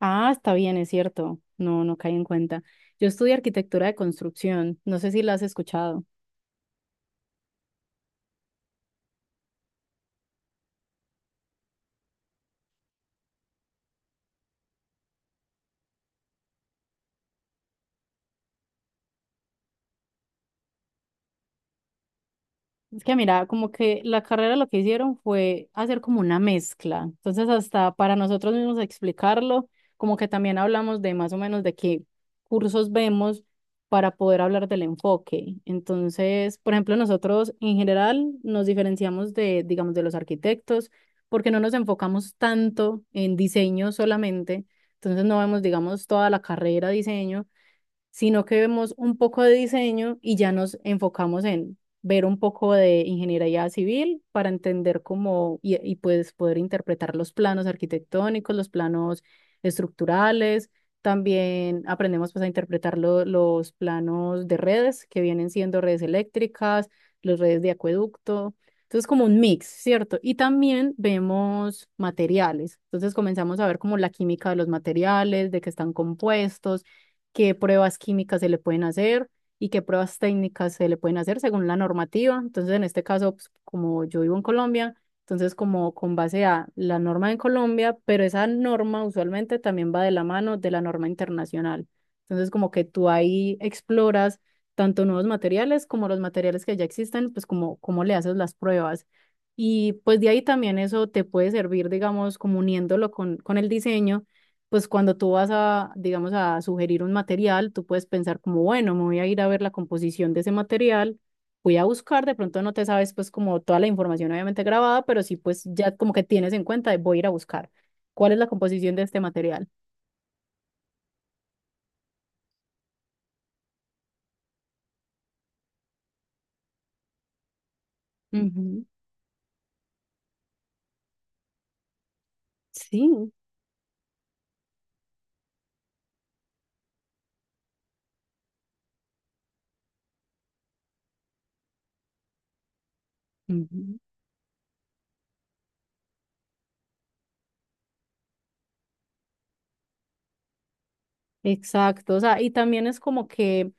Ah, está bien, es cierto. No caí en cuenta. Yo estudié arquitectura de construcción. No sé si la has escuchado. Es que mira, como que la carrera lo que hicieron fue hacer como una mezcla. Entonces, hasta para nosotros mismos explicarlo, como que también hablamos de más o menos de qué cursos vemos para poder hablar del enfoque. Entonces, por ejemplo, nosotros en general nos diferenciamos de, digamos, de los arquitectos porque no nos enfocamos tanto en diseño solamente. Entonces, no vemos, digamos, toda la carrera diseño sino que vemos un poco de diseño y ya nos enfocamos en ver un poco de ingeniería civil para entender cómo y pues poder interpretar los planos arquitectónicos, los planos estructurales. También aprendemos pues a interpretar los planos de redes que vienen siendo redes eléctricas, las redes de acueducto. Entonces, como un mix, ¿cierto? Y también vemos materiales. Entonces, comenzamos a ver como la química de los materiales, de qué están compuestos, qué pruebas químicas se le pueden hacer y qué pruebas técnicas se le pueden hacer según la normativa. Entonces, en este caso, pues, como yo vivo en Colombia, entonces como con base a la norma en Colombia, pero esa norma usualmente también va de la mano de la norma internacional. Entonces, como que tú ahí exploras tanto nuevos materiales como los materiales que ya existen, pues como cómo le haces las pruebas. Y pues de ahí también eso te puede servir, digamos, como uniéndolo con el diseño pues cuando tú vas a, digamos, a sugerir un material, tú puedes pensar como, bueno, me voy a ir a ver la composición de ese material, voy a buscar, de pronto no te sabes pues como toda la información obviamente grabada, pero sí pues ya como que tienes en cuenta, de, voy a ir a buscar cuál es la composición de este material. Ujú, sí, ujú, exacto. O sea, y también es como que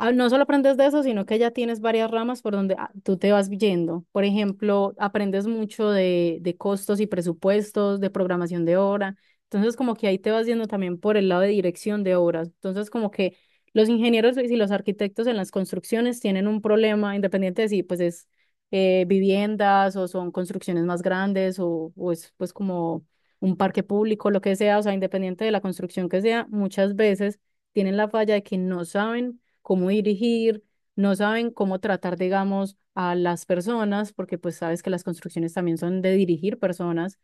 No solo aprendes de eso, sino que ya tienes varias ramas por donde tú te vas yendo. Por ejemplo, aprendes mucho de costos y presupuestos, de programación de obra. Entonces, como que ahí te vas yendo también por el lado de dirección de obras. Entonces, como que los ingenieros y los arquitectos en las construcciones tienen un problema, independiente de si pues es viviendas o son construcciones más grandes o es pues como un parque público, lo que sea, o sea, independiente de la construcción que sea, muchas veces tienen la falla de que no saben cómo dirigir, no saben cómo tratar, digamos, a las personas, porque pues sabes que las construcciones también son de dirigir personas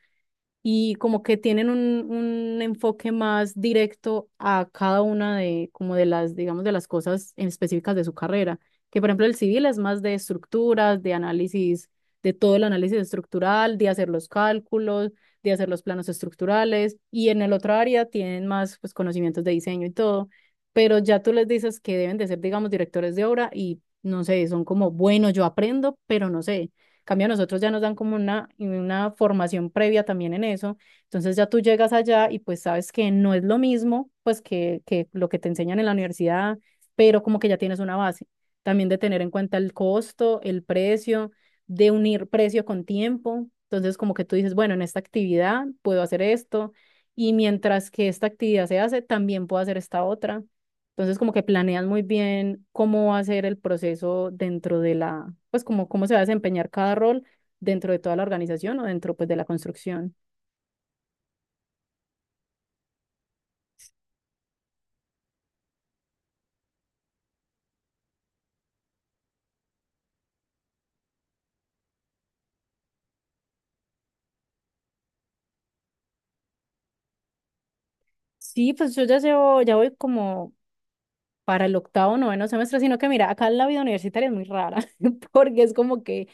y como que tienen un enfoque más directo a cada una de, como de las, digamos, de las cosas en específicas de su carrera. Que por ejemplo el civil es más de estructuras, de análisis, de todo el análisis estructural, de hacer los cálculos, de hacer los planos estructurales, y en el otro área tienen más pues conocimientos de diseño y todo, pero ya tú les dices que deben de ser, digamos, directores de obra y no sé, son como, bueno, yo aprendo, pero no sé. En cambio, a nosotros ya nos dan como una formación previa también en eso. Entonces ya tú llegas allá y pues sabes que no es lo mismo pues que lo que te enseñan en la universidad, pero como que ya tienes una base. También de tener en cuenta el costo, el precio, de unir precio con tiempo. Entonces como que tú dices, bueno, en esta actividad puedo hacer esto y mientras que esta actividad se hace, también puedo hacer esta otra. Entonces, como que planean muy bien cómo va a ser el proceso dentro de la, pues como cómo se va a desempeñar cada rol dentro de toda la organización o dentro pues de la construcción. Sí, pues yo ya llevo, ya voy como para el octavo, noveno semestre, sino que mira, acá la vida universitaria es muy rara, porque es como que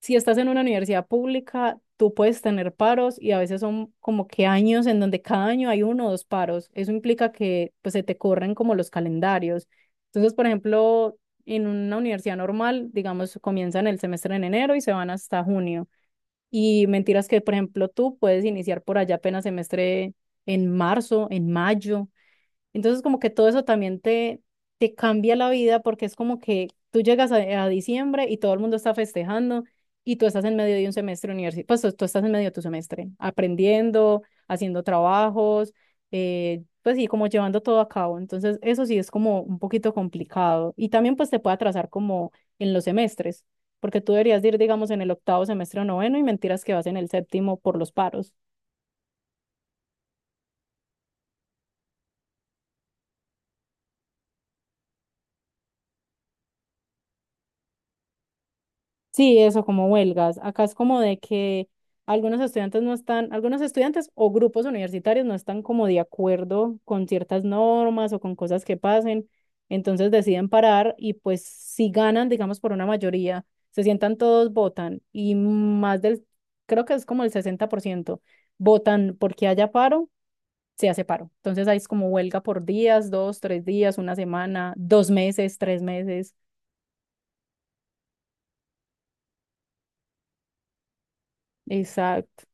si estás en una universidad pública, tú puedes tener paros y a veces son como que años en donde cada año hay uno o dos paros. Eso implica que pues se te corren como los calendarios. Entonces, por ejemplo, en una universidad normal, digamos, comienzan el semestre en enero y se van hasta junio. Y mentiras que, por ejemplo, tú puedes iniciar por allá apenas semestre en marzo, en mayo. Entonces como que todo eso también te cambia la vida porque es como que tú llegas a diciembre y todo el mundo está festejando y tú estás en medio de un semestre universitario, pues tú estás en medio de tu semestre, aprendiendo, haciendo trabajos, pues sí, como llevando todo a cabo. Entonces eso sí es como un poquito complicado y también pues te puede atrasar como en los semestres, porque tú deberías de ir, digamos, en el octavo semestre o noveno y mentiras que vas en el séptimo por los paros. Sí, eso, como huelgas. Acá es como de que algunos estudiantes no están, algunos estudiantes o grupos universitarios no están como de acuerdo con ciertas normas o con cosas que pasen, entonces deciden parar y pues si ganan, digamos, por una mayoría, se sientan todos, votan y más del, creo que es como el 60% votan porque haya paro, se hace paro. Entonces ahí es como huelga por días, dos, tres días, una semana, dos meses, tres meses. Exacto.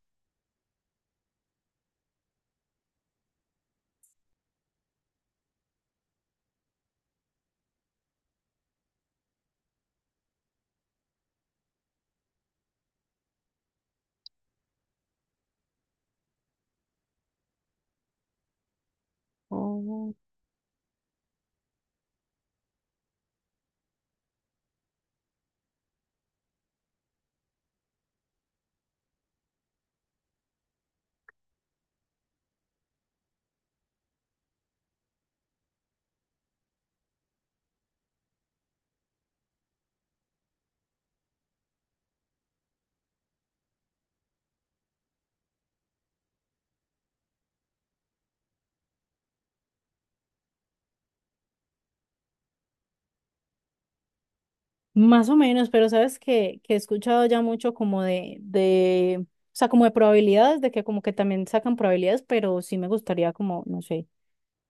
Más o menos, pero sabes que he escuchado ya mucho como o sea, como de probabilidades, de que como que también sacan probabilidades, pero sí me gustaría como, no sé,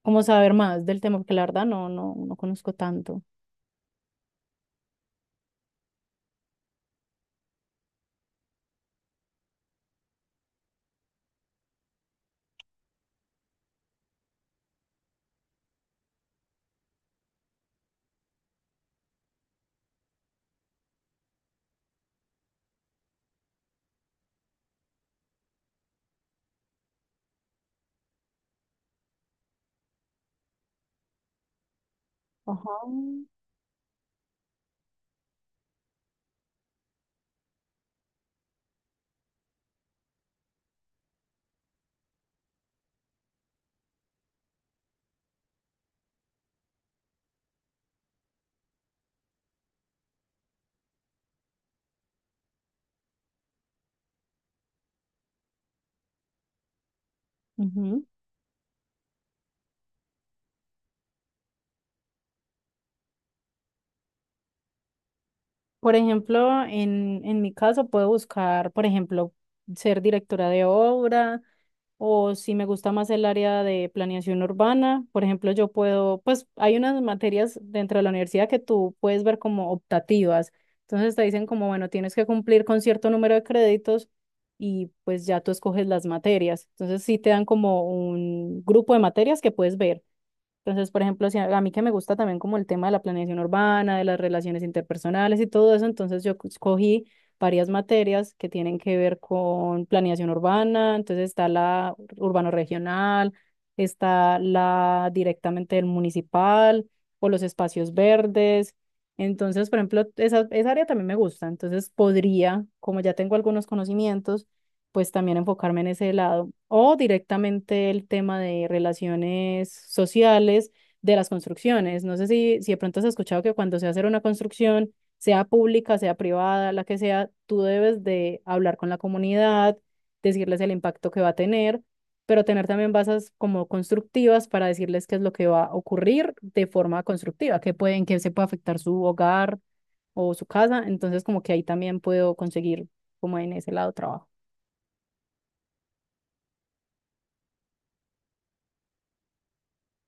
como saber más del tema, porque la verdad no conozco tanto. Ajá. Ujú. Por ejemplo, en mi caso puedo buscar, por ejemplo, ser directora de obra o si me gusta más el área de planeación urbana, por ejemplo, yo puedo, pues hay unas materias dentro de la universidad que tú puedes ver como optativas. Entonces te dicen como, bueno, tienes que cumplir con cierto número de créditos y pues ya tú escoges las materias. Entonces sí te dan como un grupo de materias que puedes ver. Entonces, por ejemplo, si a mí que me gusta también como el tema de la planeación urbana, de las relaciones interpersonales y todo eso, entonces yo escogí varias materias que tienen que ver con planeación urbana, entonces está la urbano regional, está la directamente del municipal o los espacios verdes. Entonces, por ejemplo, esa área también me gusta, entonces podría, como ya tengo algunos conocimientos, pues también enfocarme en ese lado o directamente el tema de relaciones sociales de las construcciones. No sé si, si de pronto has escuchado que cuando se hace una construcción, sea pública, sea privada, la que sea, tú debes de hablar con la comunidad, decirles el impacto que va a tener, pero tener también bases como constructivas para decirles qué es lo que va a ocurrir de forma constructiva, qué pueden, qué se puede afectar su hogar o su casa. Entonces, como que ahí también puedo conseguir como en ese lado trabajo.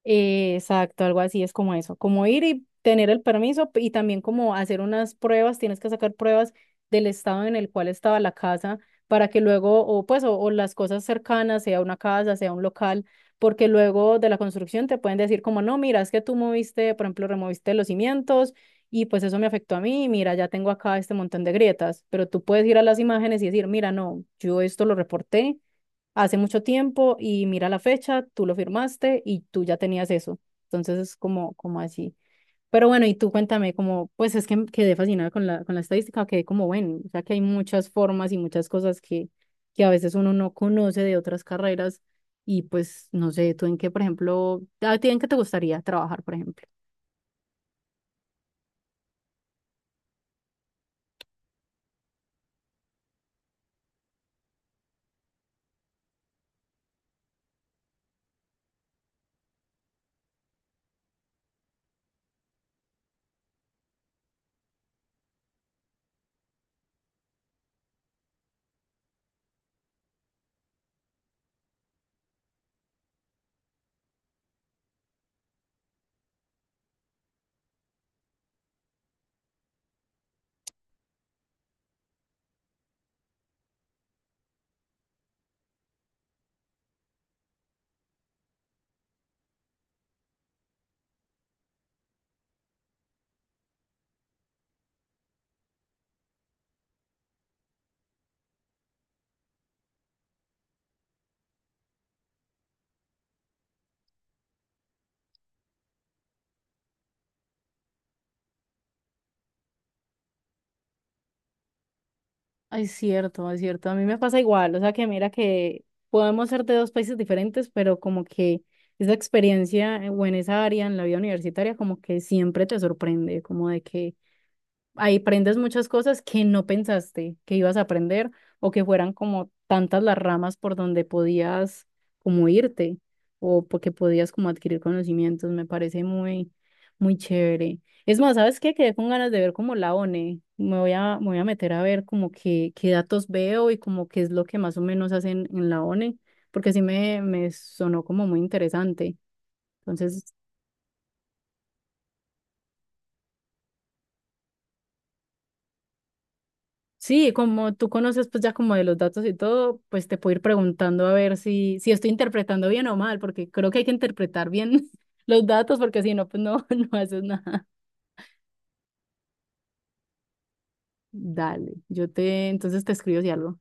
Exacto, algo así es como eso, como ir y tener el permiso y también como hacer unas pruebas, tienes que sacar pruebas del estado en el cual estaba la casa para que luego, o pues, o las cosas cercanas, sea una casa, sea un local, porque luego de la construcción te pueden decir como, no, mira, es que tú moviste, por ejemplo, removiste los cimientos y pues eso me afectó a mí, mira, ya tengo acá este montón de grietas, pero tú puedes ir a las imágenes y decir, mira, no, yo esto lo reporté hace mucho tiempo y mira la fecha, tú lo firmaste y tú ya tenías eso. Entonces es como, como así. Pero bueno, y tú cuéntame, como, pues es que quedé fascinada con la estadística, que como bueno, o sea que hay muchas formas y muchas cosas que a veces uno no conoce de otras carreras y pues no sé, tú en qué, por ejemplo, a ti en qué te gustaría trabajar, por ejemplo. Es cierto, es cierto. A mí me pasa igual. O sea que mira que podemos ser de dos países diferentes, pero como que esa experiencia o en esa área, en la vida universitaria, como que siempre te sorprende, como de que ahí aprendes muchas cosas que no pensaste que ibas a aprender o que fueran como tantas las ramas por donde podías como irte o porque podías como adquirir conocimientos. Me parece muy, muy chévere. Es más, ¿sabes qué? Quedé con ganas de ver como la ONE. Me voy a meter a ver como que, qué datos veo y como qué es lo que más o menos hacen en la ONE, porque sí me sonó como muy interesante. Entonces, sí, como tú conoces pues ya como de los datos y todo, pues te puedo ir preguntando a ver si, si estoy interpretando bien o mal, porque creo que hay que interpretar bien los datos, porque si no, pues no, no haces nada. Dale, yo te, entonces te escribo si algo.